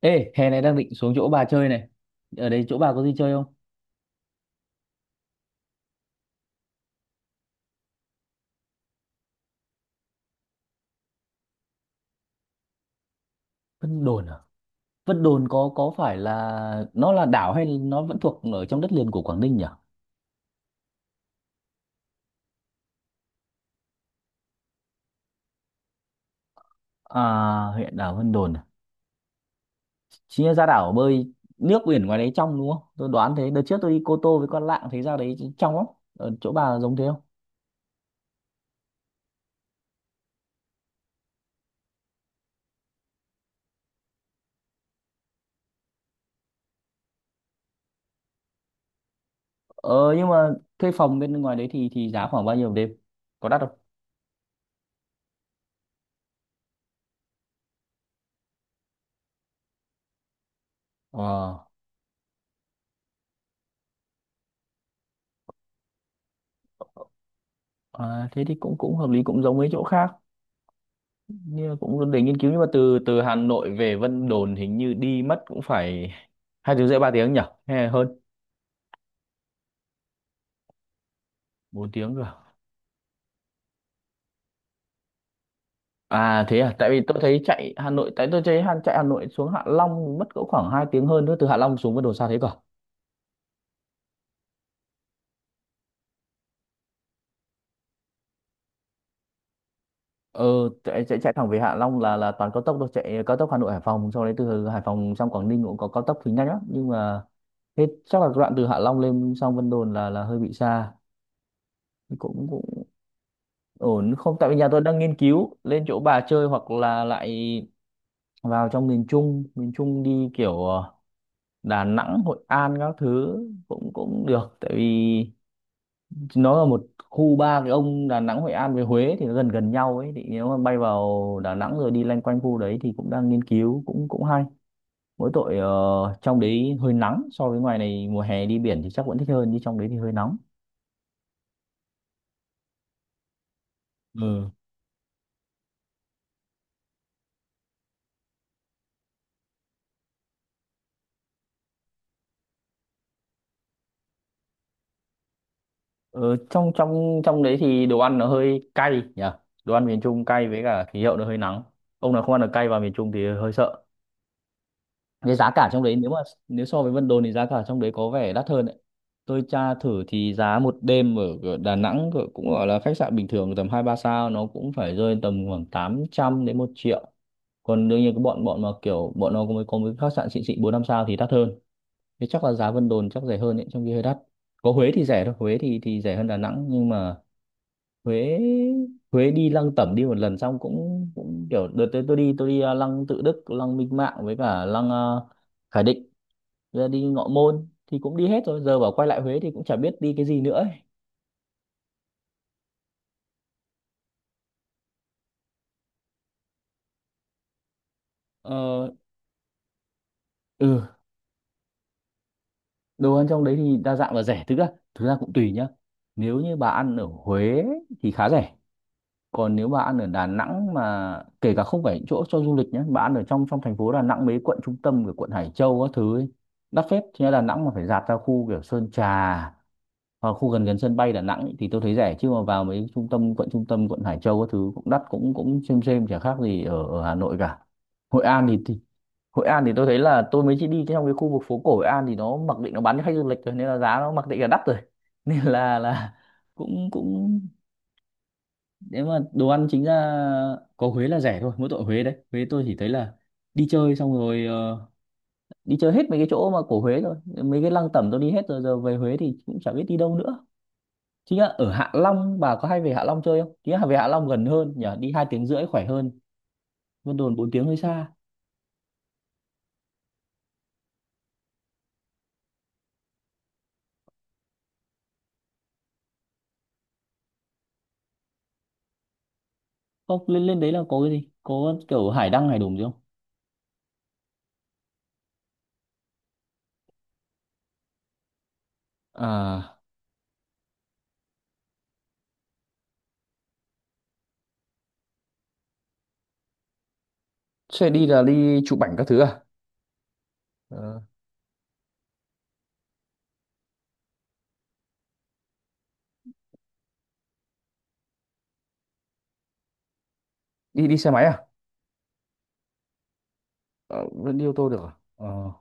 Ê, hè này đang định xuống chỗ bà chơi này. Ở đây chỗ bà có gì chơi không? Vân Đồn à? Vân Đồn có phải là nó là đảo hay nó vẫn thuộc ở trong đất liền của Quảng Ninh nhỉ? À, huyện đảo Vân Đồn à? Chính là ra đảo bơi nước biển ngoài đấy trong đúng không? Tôi đoán thế. Đợt trước tôi đi Cô Tô với con Lạng thấy ra đấy trong lắm. Ở chỗ bà giống thế không? Ờ, nhưng mà thuê phòng bên ngoài đấy thì giá khoảng bao nhiêu một đêm? Có đắt không? Ờ, à, thế thì cũng cũng hợp lý, cũng giống mấy chỗ khác. Như cũng để nghiên cứu, nhưng mà từ từ Hà Nội về Vân Đồn hình như đi mất cũng phải 2 tiếng rưỡi 3 tiếng nhỉ, hay là hơn. 4 tiếng cơ à? À, thế à, tại vì tôi thấy chạy Hà Nội, tại tôi thấy chạy Hà Nội xuống Hạ Long mất cỡ khoảng 2 tiếng hơn, nữa từ Hạ Long xuống Vân Đồn xa thế cả. ờ chạy, chạy chạy thẳng về Hạ Long là toàn cao tốc thôi, chạy cao tốc Hà Nội Hải Phòng sau đấy từ Hải Phòng sang Quảng Ninh cũng có cao tốc thì nhanh lắm, nhưng mà thế chắc là đoạn từ Hạ Long lên sang Vân Đồn là hơi bị xa. Cũng cũng ổn không, tại vì nhà tôi đang nghiên cứu lên chỗ bà chơi hoặc là lại vào trong miền Trung, miền Trung đi kiểu Đà Nẵng Hội An các thứ, cũng cũng được, tại vì nó là một khu ba cái ông Đà Nẵng Hội An với Huế thì nó gần gần nhau ấy, thì nếu mà bay vào Đà Nẵng rồi đi loanh quanh khu đấy thì cũng đang nghiên cứu, cũng cũng hay. Mỗi tội trong đấy hơi nắng so với ngoài này, mùa hè đi biển thì chắc vẫn thích hơn, nhưng trong đấy thì hơi nóng. Ừ. Ờ, trong trong trong đấy thì đồ ăn nó hơi cay nhỉ, đồ ăn miền Trung cay với cả khí hậu nó hơi nắng. Ông nào không ăn được cay vào miền Trung thì hơi sợ. Cái giá cả trong đấy nếu mà nếu so với Vân Đồn thì giá cả trong đấy có vẻ đắt hơn đấy. Tôi tra thử thì giá một đêm ở ở Đà Nẵng cũng gọi là khách sạn bình thường tầm hai ba sao nó cũng phải rơi tầm khoảng 800 đến 1 triệu. Còn đương nhiên cái bọn bọn mà kiểu bọn nó có mấy khách sạn xịn xịn bốn năm sao thì đắt hơn. Thế chắc là giá Vân Đồn chắc rẻ hơn đấy, trong khi hơi đắt. Có Huế thì rẻ thôi, Huế thì rẻ hơn Đà Nẵng, nhưng mà Huế, Huế đi Lăng Tẩm đi một lần xong cũng cũng kiểu đợt tới tôi đi, Lăng Tự Đức, Lăng Minh Mạng, với cả Lăng Khải Định, rồi đi Ngọ Môn thì cũng đi hết rồi, giờ bảo quay lại Huế thì cũng chả biết đi cái gì nữa ấy. Ờ, ừ. Đồ ăn trong đấy thì đa dạng và rẻ, thực ra cũng tùy nhá. Nếu như bà ăn ở Huế thì khá rẻ. Còn nếu bà ăn ở Đà Nẵng mà kể cả không phải những chỗ cho du lịch nhé, bà ăn ở trong trong thành phố Đà Nẵng, mấy quận trung tâm của quận Hải Châu các thứ ấy, đắt phết chứ. Đà Nẵng mà phải dạt ra khu kiểu Sơn Trà, Ờ, khu gần gần sân bay Đà Nẵng ý, thì tôi thấy rẻ, chứ mà vào mấy trung tâm, quận trung tâm quận Hải Châu các thứ cũng đắt, cũng cũng xem chả khác gì ở Hà Nội cả. Hội An thì Hội An thì tôi thấy là tôi mới chỉ đi trong cái khu vực phố cổ Hội An, thì nó mặc định nó bán cho khách du lịch rồi, nên là giá nó mặc định là đắt rồi nên là cũng cũng nếu mà đồ ăn chính ra có Huế là rẻ thôi, mỗi tội Huế đấy, Huế tôi chỉ thấy là đi chơi xong rồi đi chơi hết mấy cái chỗ mà cổ Huế rồi mấy cái lăng tẩm tôi đi hết rồi, giờ về Huế thì cũng chả biết đi đâu nữa. Chính là ở Hạ Long, bà có hay về Hạ Long chơi không? Chính là về Hạ Long gần hơn nhỉ, đi 2 tiếng rưỡi khỏe hơn, Vân Đồn 4 tiếng hơi xa. Không, lên lên đấy là có cái gì, có kiểu hải đăng hải đùng gì không? À, xe đi là đi chụp ảnh các thứ à? Ờ, đi đi xe máy à? Ờ, vẫn đi ô tô được à? Ờ,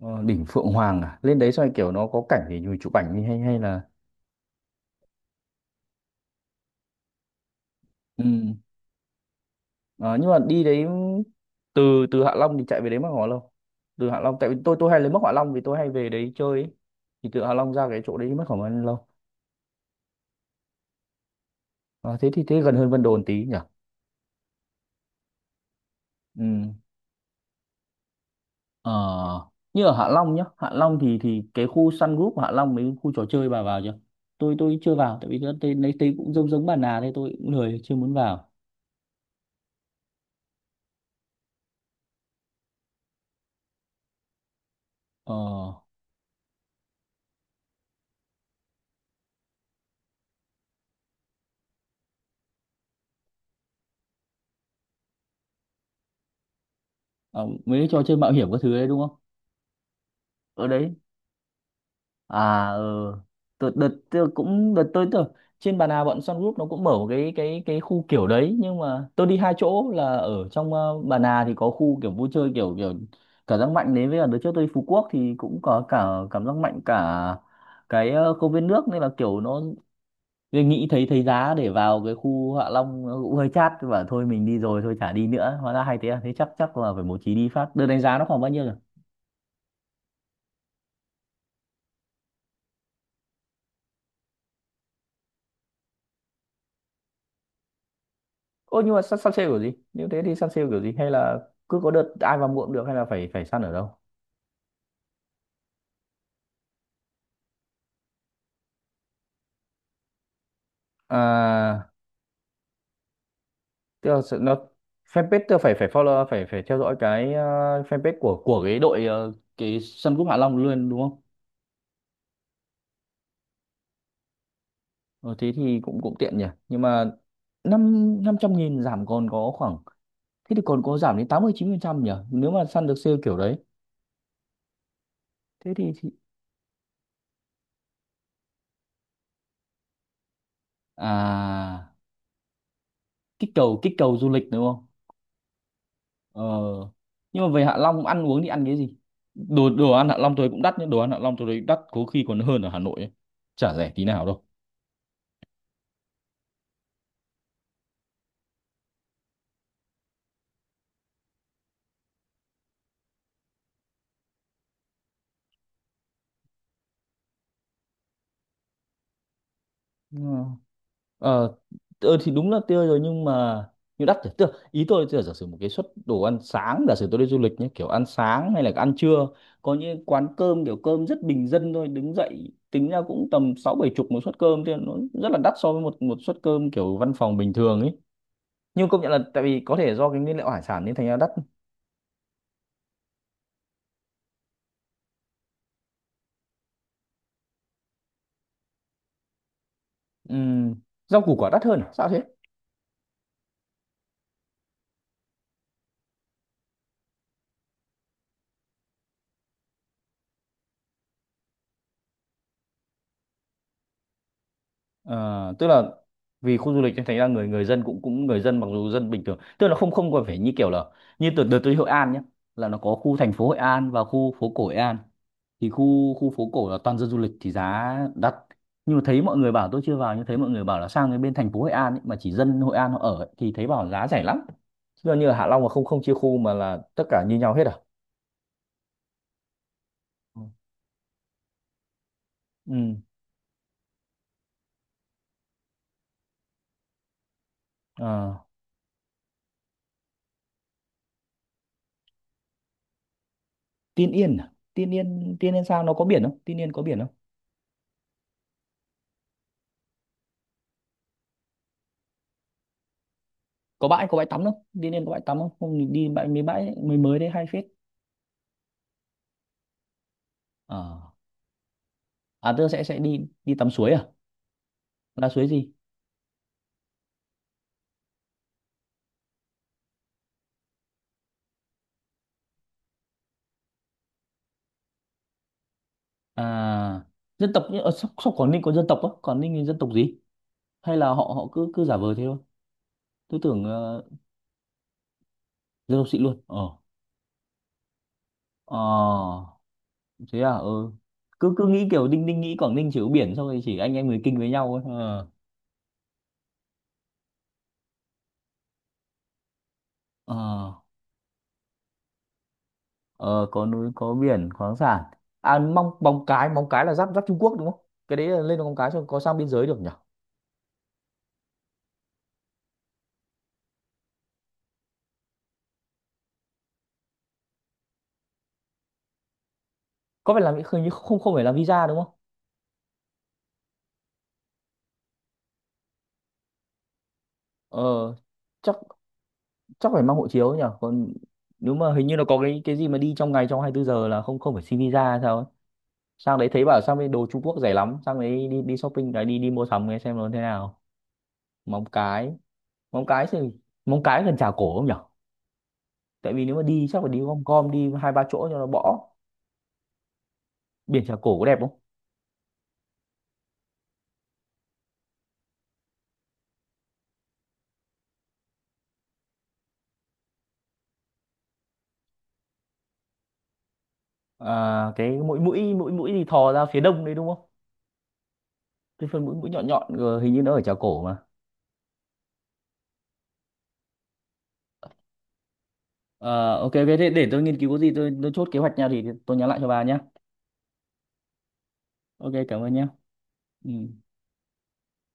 ờ, đỉnh Phượng Hoàng à? Lên đấy xong rồi kiểu nó có cảnh thì mình chụp ảnh đi, hay hay là ừ. Ờ, nhưng mà đi đấy từ từ Hạ Long thì chạy về đấy mất khoảng bao lâu? Từ Hạ Long, tại vì tôi hay lấy mất Hạ Long vì tôi hay về đấy chơi ấy. Thì từ Hạ Long ra cái chỗ đấy mất khoảng bao lâu? Ờ, thế thì thế gần hơn Vân Đồn tí nhỉ? Ừ. Ờ, như ở Hạ Long nhá, Hạ Long thì cái khu Sun Group Hạ Long mấy khu trò chơi bà vào chưa? Tôi chưa vào tại vì nó tên, lấy tên cũng giống giống bà Nà thế tôi cũng lười chưa muốn vào. Ờ, ờ, mấy cái trò chơi mạo hiểm các thứ đấy đúng không? Ở đấy, à ừ. Đợt tôi trên Bà Nà, bọn Sun Group nó cũng mở một cái khu kiểu đấy, nhưng mà tôi đi hai chỗ là ở trong Bà Nà thì có khu kiểu vui chơi kiểu kiểu cảm giác mạnh đấy, với cả đợt trước tôi đi Phú Quốc thì cũng có cả cảm giác mạnh, cả cái công viên nước, nên là kiểu nó tôi nghĩ thấy thấy giá để vào cái khu Hạ Long nó cũng hơi chát và thôi mình đi rồi thôi chả đi nữa. Hóa ra hay thế à, thế chắc chắc là phải bố trí đi phát. Đợt đánh giá nó khoảng bao nhiêu? Ô, nhưng mà săn sale kiểu gì? Nếu thế thì săn sale kiểu gì? Hay là cứ có đợt ai vào mua cũng được, hay là phải phải săn ở đâu? À, tức là nó fanpage, tức là phải phải follow, phải phải theo dõi cái fanpage của cái đội, cái sân cúp Hạ Long luôn đúng không? Ờ, thế thì cũng cũng tiện nhỉ. Nhưng mà năm 500.000 giảm còn có khoảng, thế thì còn có giảm đến 89% nhỉ? Nếu mà săn được sale kiểu đấy. Thế thì... À, kích cầu du lịch đúng không? Ờ. Nhưng mà về Hạ Long ăn uống thì ăn cái gì? Đồ đồ ăn Hạ Long tôi cũng đắt, nhưng đồ ăn Hạ Long tôi thấy đắt có khi còn hơn ở Hà Nội ấy. Chả rẻ tí nào đâu. Nhưng ờ ờ, thì đúng là tươi rồi nhưng mà nhưng đắt rồi. Tức là ý tôi là giả sử một cái suất đồ ăn sáng, giả sử tôi đi du lịch nhé, kiểu ăn sáng hay là ăn trưa, có những quán cơm kiểu cơm rất bình dân thôi, đứng dậy tính ra cũng tầm sáu bảy chục một suất cơm thì nó rất là đắt so với một một suất cơm kiểu văn phòng bình thường ấy, nhưng công nhận là tại vì có thể do cái nguyên liệu hải sản nên thành ra đắt. Ừm, rau củ quả đắt hơn à? Sao thế? Ờ, tức là vì khu du lịch nên thành ra người người dân cũng cũng người dân, mặc dù dân bình thường, tức là không không còn phải như kiểu là như từ đợt tôi đi Hội An nhé, là nó có khu thành phố Hội An và khu phố cổ Hội An, thì khu khu phố cổ là toàn dân du lịch thì giá đắt, nhưng mà thấy mọi người bảo, tôi chưa vào, nhưng thấy mọi người bảo là sang cái bên thành phố Hội An ấy, mà chỉ dân Hội An họ ở ấy, thì thấy bảo giá rẻ lắm, chứ như ở Hạ Long mà không không chia khu mà là tất cả như nhau hết à. Ừ. Ừ. Ờ. Tiên Yên à? Tiên Yên sao nó có biển không, Tiên Yên có biển không? Có bãi tắm không, Tiên Yên có bãi tắm không không mình đi bãi, mấy bãi mới mới đấy hay phết. Ờ. À, tôi sẽ đi đi tắm suối à, là suối gì? À, dân tộc ở sóc sóc Quảng Ninh có dân tộc á? Quảng Ninh thì dân tộc gì, hay là họ họ cứ cứ giả vờ thế thôi? Tôi tưởng dân tộc xịn luôn. Ờ ờ, thế à, ừ. Cứ cứ nghĩ kiểu Đinh Đinh nghĩ Quảng Ninh chỉ có biển xong rồi chỉ anh em người Kinh với nhau thôi. Ờ Ờ. Ờ, có núi có biển, khoáng sản. À, Móng Cái, Móng Cái là giáp giáp Trung Quốc đúng không? Cái đấy là lên Móng Cái cho có sang biên giới được nhỉ? Có phải làm, hình như không, không phải làm visa đúng không? ờ chắc chắc phải mang hộ chiếu nhỉ. Còn nếu mà hình như nó có cái gì mà đi trong ngày, trong 24 giờ là không, không phải xin visa hay sao ấy. Sang đấy thấy bảo sang bên đồ Trung Quốc rẻ lắm, sang đấy đi đi shopping đấy, đi đi mua sắm nghe xem nó thế nào. Móng Cái, Móng Cái thì Móng Cái gần Trà Cổ không nhỉ? Tại vì nếu mà đi chắc phải đi gom gom đi hai ba chỗ cho nó bỏ. Biển Trà Cổ có đẹp không? À, cái mũi mũi mũi mũi thì thò ra phía đông đấy đúng không? Cái phần mũi mũi nhọn nhọn hình như nó ở chảo cổ mà. Ờ, ok, ok, thế để tôi nghiên cứu có gì tôi, chốt kế hoạch nha, thì tôi nhắn lại cho bà nhé. Ok, cảm ơn nhé. Ừ.